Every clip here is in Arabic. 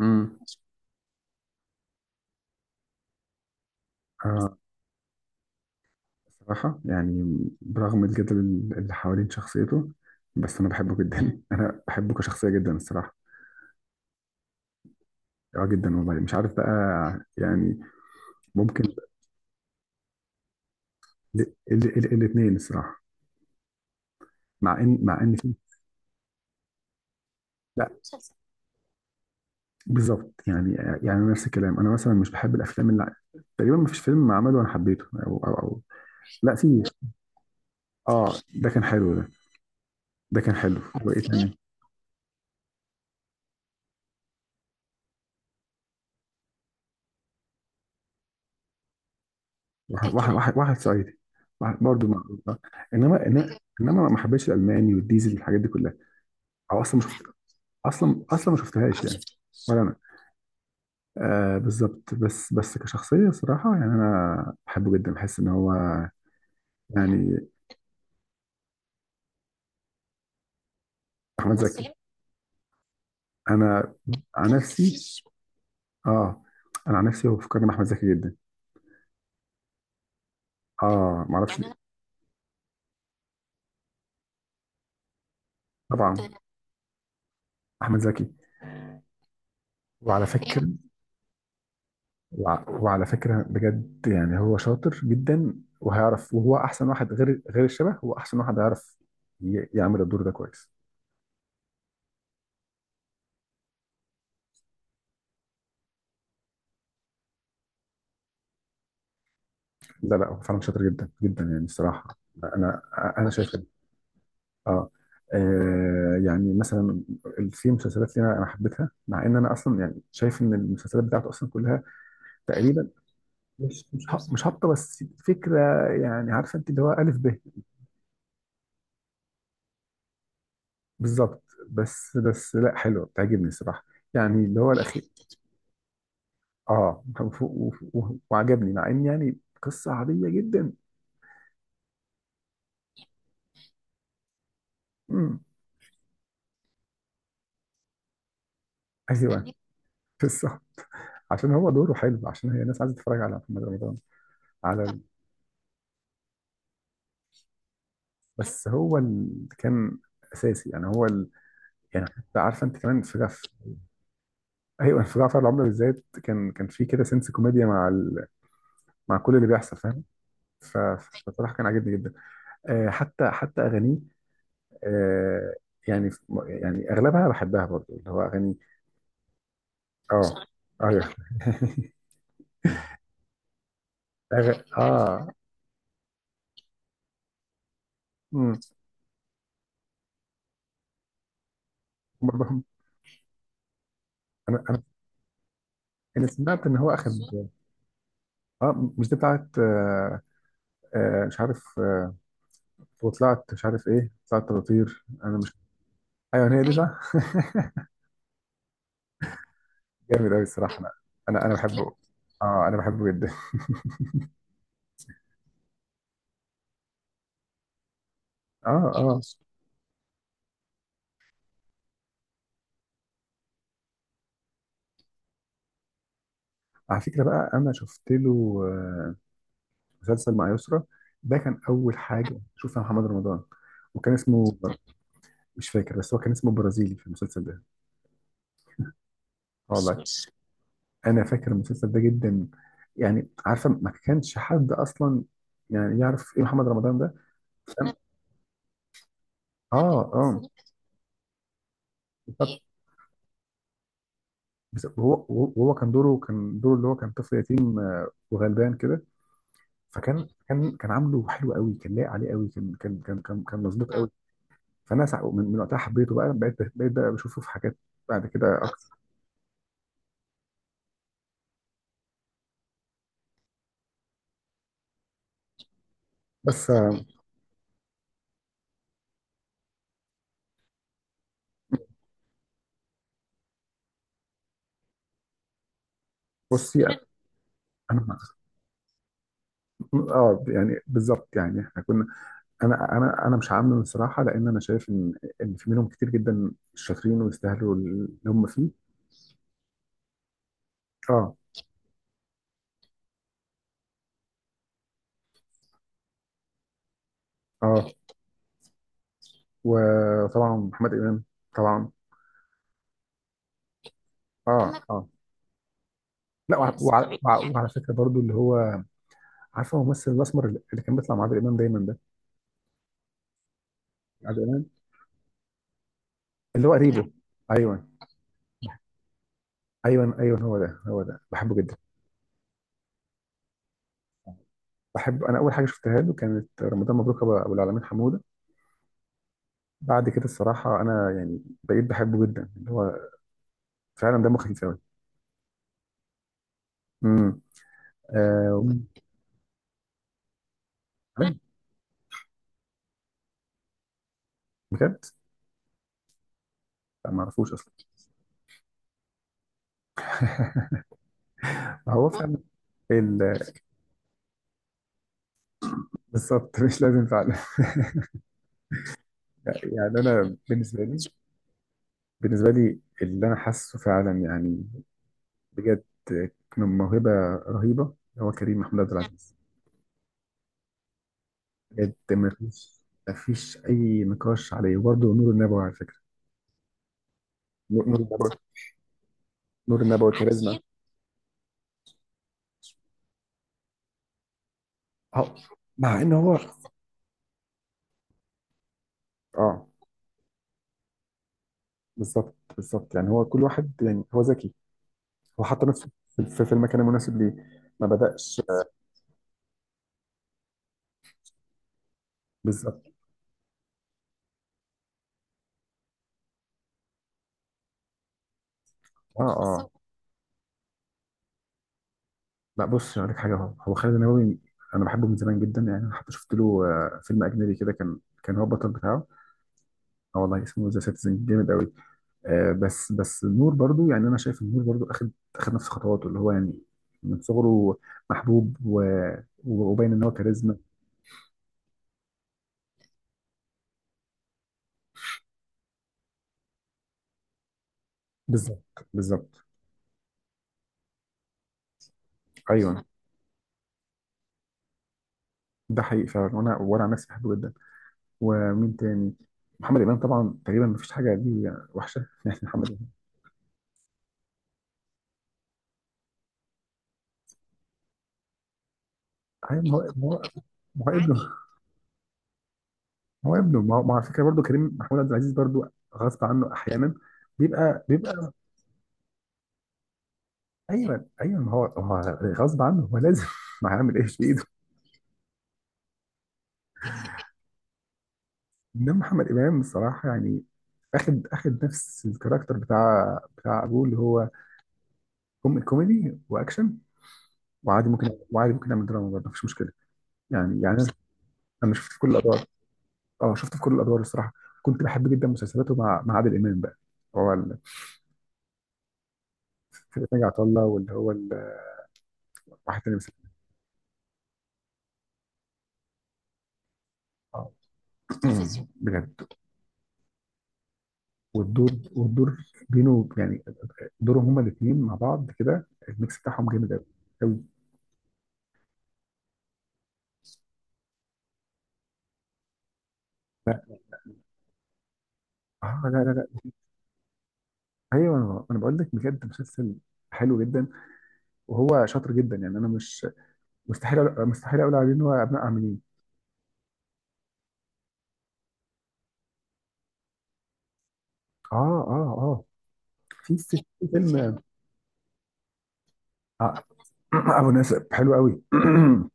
امم آه، صراحة يعني برغم الجدل اللي حوالين شخصيته، بس أنا بحبه جدا. أنا بحبه كشخصية جدا الصراحة. آه، جدا والله. مش عارف بقى، يعني ممكن. الاثنين الصراحة. مع إن في. لا، بالظبط يعني نفس الكلام، أنا مثلا مش بحب الأفلام اللي تقريبا ما فيش فيلم عمله أنا حبيته أو. لا، في. آه، ده كان حلو ده. ده كان حلو، وإيه تاني؟ واحد صعيدي. برضه معروف آه. انما ما حبيتش الالماني والديزل والحاجات دي كلها. او اصلا ما شفت اصلا ما شفتهاش يعني. ولا انا. آه، بالظبط. بس كشخصيه صراحه يعني، انا بحبه جدا، بحس ان هو يعني... احمد زكي. انا عن نفسي اه انا عن نفسي، هو فكرني باحمد زكي جدا. اه، ما اعرفش ليه. انا طبعا. احمد زكي. وعلى يعني فكره. وعلى فكرة بجد، يعني هو شاطر جدا. وهو أحسن واحد، غير الشبه هو أحسن واحد هيعرف يعمل الدور ده كويس. لا لا، هو فعلا شاطر جدا جدا يعني الصراحة. أنا أنا شايف كده. آه. آه يعني، مثلا في مسلسلات لنا، أنا حبيتها مع إن أنا أصلا يعني شايف إن المسلسلات بتاعته أصلا كلها تقريبا. مش هابطة، بس فكرة يعني، عارفة أنت اللي هو ألف ب. بالظبط. بس لا، حلوة بتعجبني الصراحة، يعني اللي هو الأخير. اه، كان فوق. وعجبني، مع ان يعني قصه عاديه جدا. امم ايوه، قصه، عشان هو دوره حلو، عشان هي الناس عايزه تتفرج على محمد رمضان، على بس هو اللي كان اساسي، يعني هو ال... يعني حتى عارفه انت كمان في جف. ايوه في جعفر العمده بالذات، كان في كده سنس كوميديا مع ال... مع كل اللي بيحصل فاهم. ف- فبصراحه كان عاجبني جدا. آه، حتى اغانيه. آه يعني يعني اغلبها بحبها برضو، اللي هو اغاني. اه، ايوه. أغ... اه امم برضه انا انا انا سمعت ان هو اخد. اه، مش دي بتاعت آه، مش عارف وطلعت، مش عارف ايه، طلعت تطير انا مش... ايوه، هي دي صح. جامد قوي الصراحه. انا بحبه. اه، انا بحبه جدا. اه اه، على فكره بقى انا شفت له آه، مسلسل مع يسرا، ده كان اول حاجه شوفها محمد رمضان. وكان اسمه... مش فاكر، بس هو كان اسمه برازيلي في المسلسل ده. اه والله، انا فاكر المسلسل ده جدا، يعني عارفه ما كانش حد اصلا يعني يعرف ايه محمد رمضان ده، انا فاهم؟ فاكر. اه اه، بالظبط. بس هو كان دوره اللي هو كان طفل يتيم آه، وغلبان كده. فكان كان كان عامله حلو قوي، كان لايق عليه قوي، كان مظبوط قوي. من وقتها حبيته بقى، بقيت بشوفه في حاجات بعد كده بس آه. بصي انا، اه يعني بالظبط، يعني احنا كنا. انا مش عامل الصراحه، لان انا شايف ان في منهم كتير جدا شاطرين ويستاهلوا اللي هم فيه. اه اه. وطبعا محمد امام طبعا. اه، محمد اه. لا وع- بس وع- طبيعي وع- يعني وعلى فكره برضو، اللي هو عارفه الممثل الاسمر اللي كان بيطلع مع عادل امام دايما ده. عادل امام. اللي هو لا، قريبه. ايوه ايوه ايوه، هو ده بحبه جدا. بحب، انا اول حاجه شفتها له كانت رمضان مبروك أبو العلمين حموده. بعد كده الصراحه انا يعني بقيت بحبه جدا، اللي هو فعلا دمه خفيف قوي. امم آه. فعلا؟ بجد. لا، ما اعرفوش اصلا. هو فعلا ال- بالظبط. مش لازم فعلا. يعني انا بالنسبه لي، اللي انا حاسه فعلا يعني، بجد، من موهبه رهيبه، هو كريم محمود عبد العزيز. بجد، ما فيش اي نقاش عليه. وبرضه نور النبوي على فكره. نور النبوي. نور النبوي كاريزما. اه، مع ان هو. اه، بالظبط بالظبط. يعني هو كل واحد، يعني هو ذكي، هو حط نفسه في في المكان المناسب ليه، ما بدأش. بالظبط. اه اه، لا بص هقول لك حاجه، هو خالد النبوي، انا بحبه من زمان جدا. يعني انا حتى شفت له آه، فيلم اجنبي كده، كان هو البطل بتاعه. اه والله، اسمه ذا سيتيزن، جامد قوي. آه، بس النور برضو، يعني انا شايف النور برضو اخد، نفس خطواته، اللي هو يعني من صغره محبوب و... وباين ان هو كاريزما. بالظبط بالظبط، ايوه ده حقيقي فعلا. وانا عن نفسي بحبه جدا. ومين تاني؟ محمد امام طبعا، تقريبا ما فيش حاجه دي وحشه. يعني محمد امام. ايوه، ما هو ابنه، هو ابنه. ما هو ما هو على فكره برضه كريم محمود عبد العزيز برضه، غصب عنه احيانا بيبقى. ايوه ايوه، ما هو هو غصب عنه، هو لازم. ما هيعمل ايه في ايده. انما محمد امام الصراحه يعني، اخد نفس الكاركتر بتاع ابوه، اللي هو كوميدي واكشن، وعادي ممكن. نعمل دراما برضه، مفيش مشكله يعني. انا، شفت في كل الادوار. اه، شفت في كل الادوار الصراحه. كنت بحب جدا مسلسلاته مع عادل امام بقى. هو في ناجي عطا الله، واللي هو واحد تاني اه. بجد، والدور، والدور بينه يعني، دورهم هما الاثنين مع بعض كده، الميكس بتاعهم جامد قوي، قوي. اه. لا لا لا. ايوه، انا بقول لك بجد، مسلسل حلو جدا، وهو شاطر جدا. يعني انا مش... مستحيل اقول عليه ان هو ابناء عاملين. اه اه اه. في فيلم. آه، ابو ناسب حلو قوي.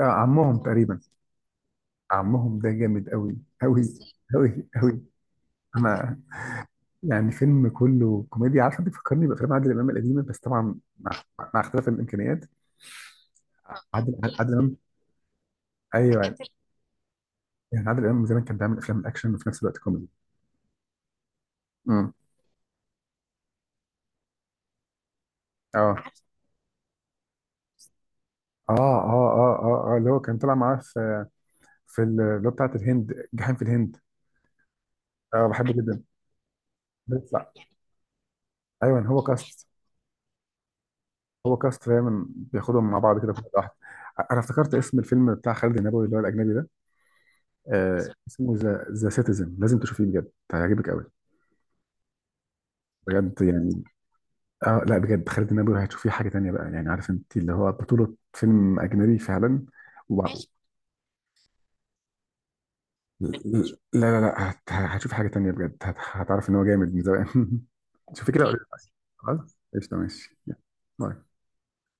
آه عمهم، تقريبا. عمهم ده جامد قوي، قوي قوي قوي. انا يعني فيلم كله كوميديا، عارفه بيفكرني بافلام عادل امام القديمه، بس طبعا مع اختلاف الامكانيات. عادل امام. ايوه، يعني عادل امام زمان كان بيعمل افلام اكشن وفي نفس الوقت كوميدي. امم اه اه اه اه اه اه، اللي هو كان طلع معاه في اللي هو بتاعت الهند، جحيم في الهند. اه، بحبه جدا. بيطلع. ايوه، هو كاست، دايما بياخدهم مع بعض كده في واحد. انا افتكرت اسم الفيلم بتاع خالد النبوي اللي هو الاجنبي ده. آه، اسمه ذا سيتيزن، لازم تشوفيه بجد، هيعجبك قوي. بجد يعني. اه لا، بجد خالد النبوي هتشوفيه حاجه تانيه بقى، يعني عارف انت اللي هو بطوله فيلم اجنبي فعلا. وبع- لا لا لا، هت... هتشوف حاجة تانية، بجد هت... هتعرف ان هو جامد من زمان. شوفي كده وقولي لي رأيك. خلاص قشطة ماشي يلا. باي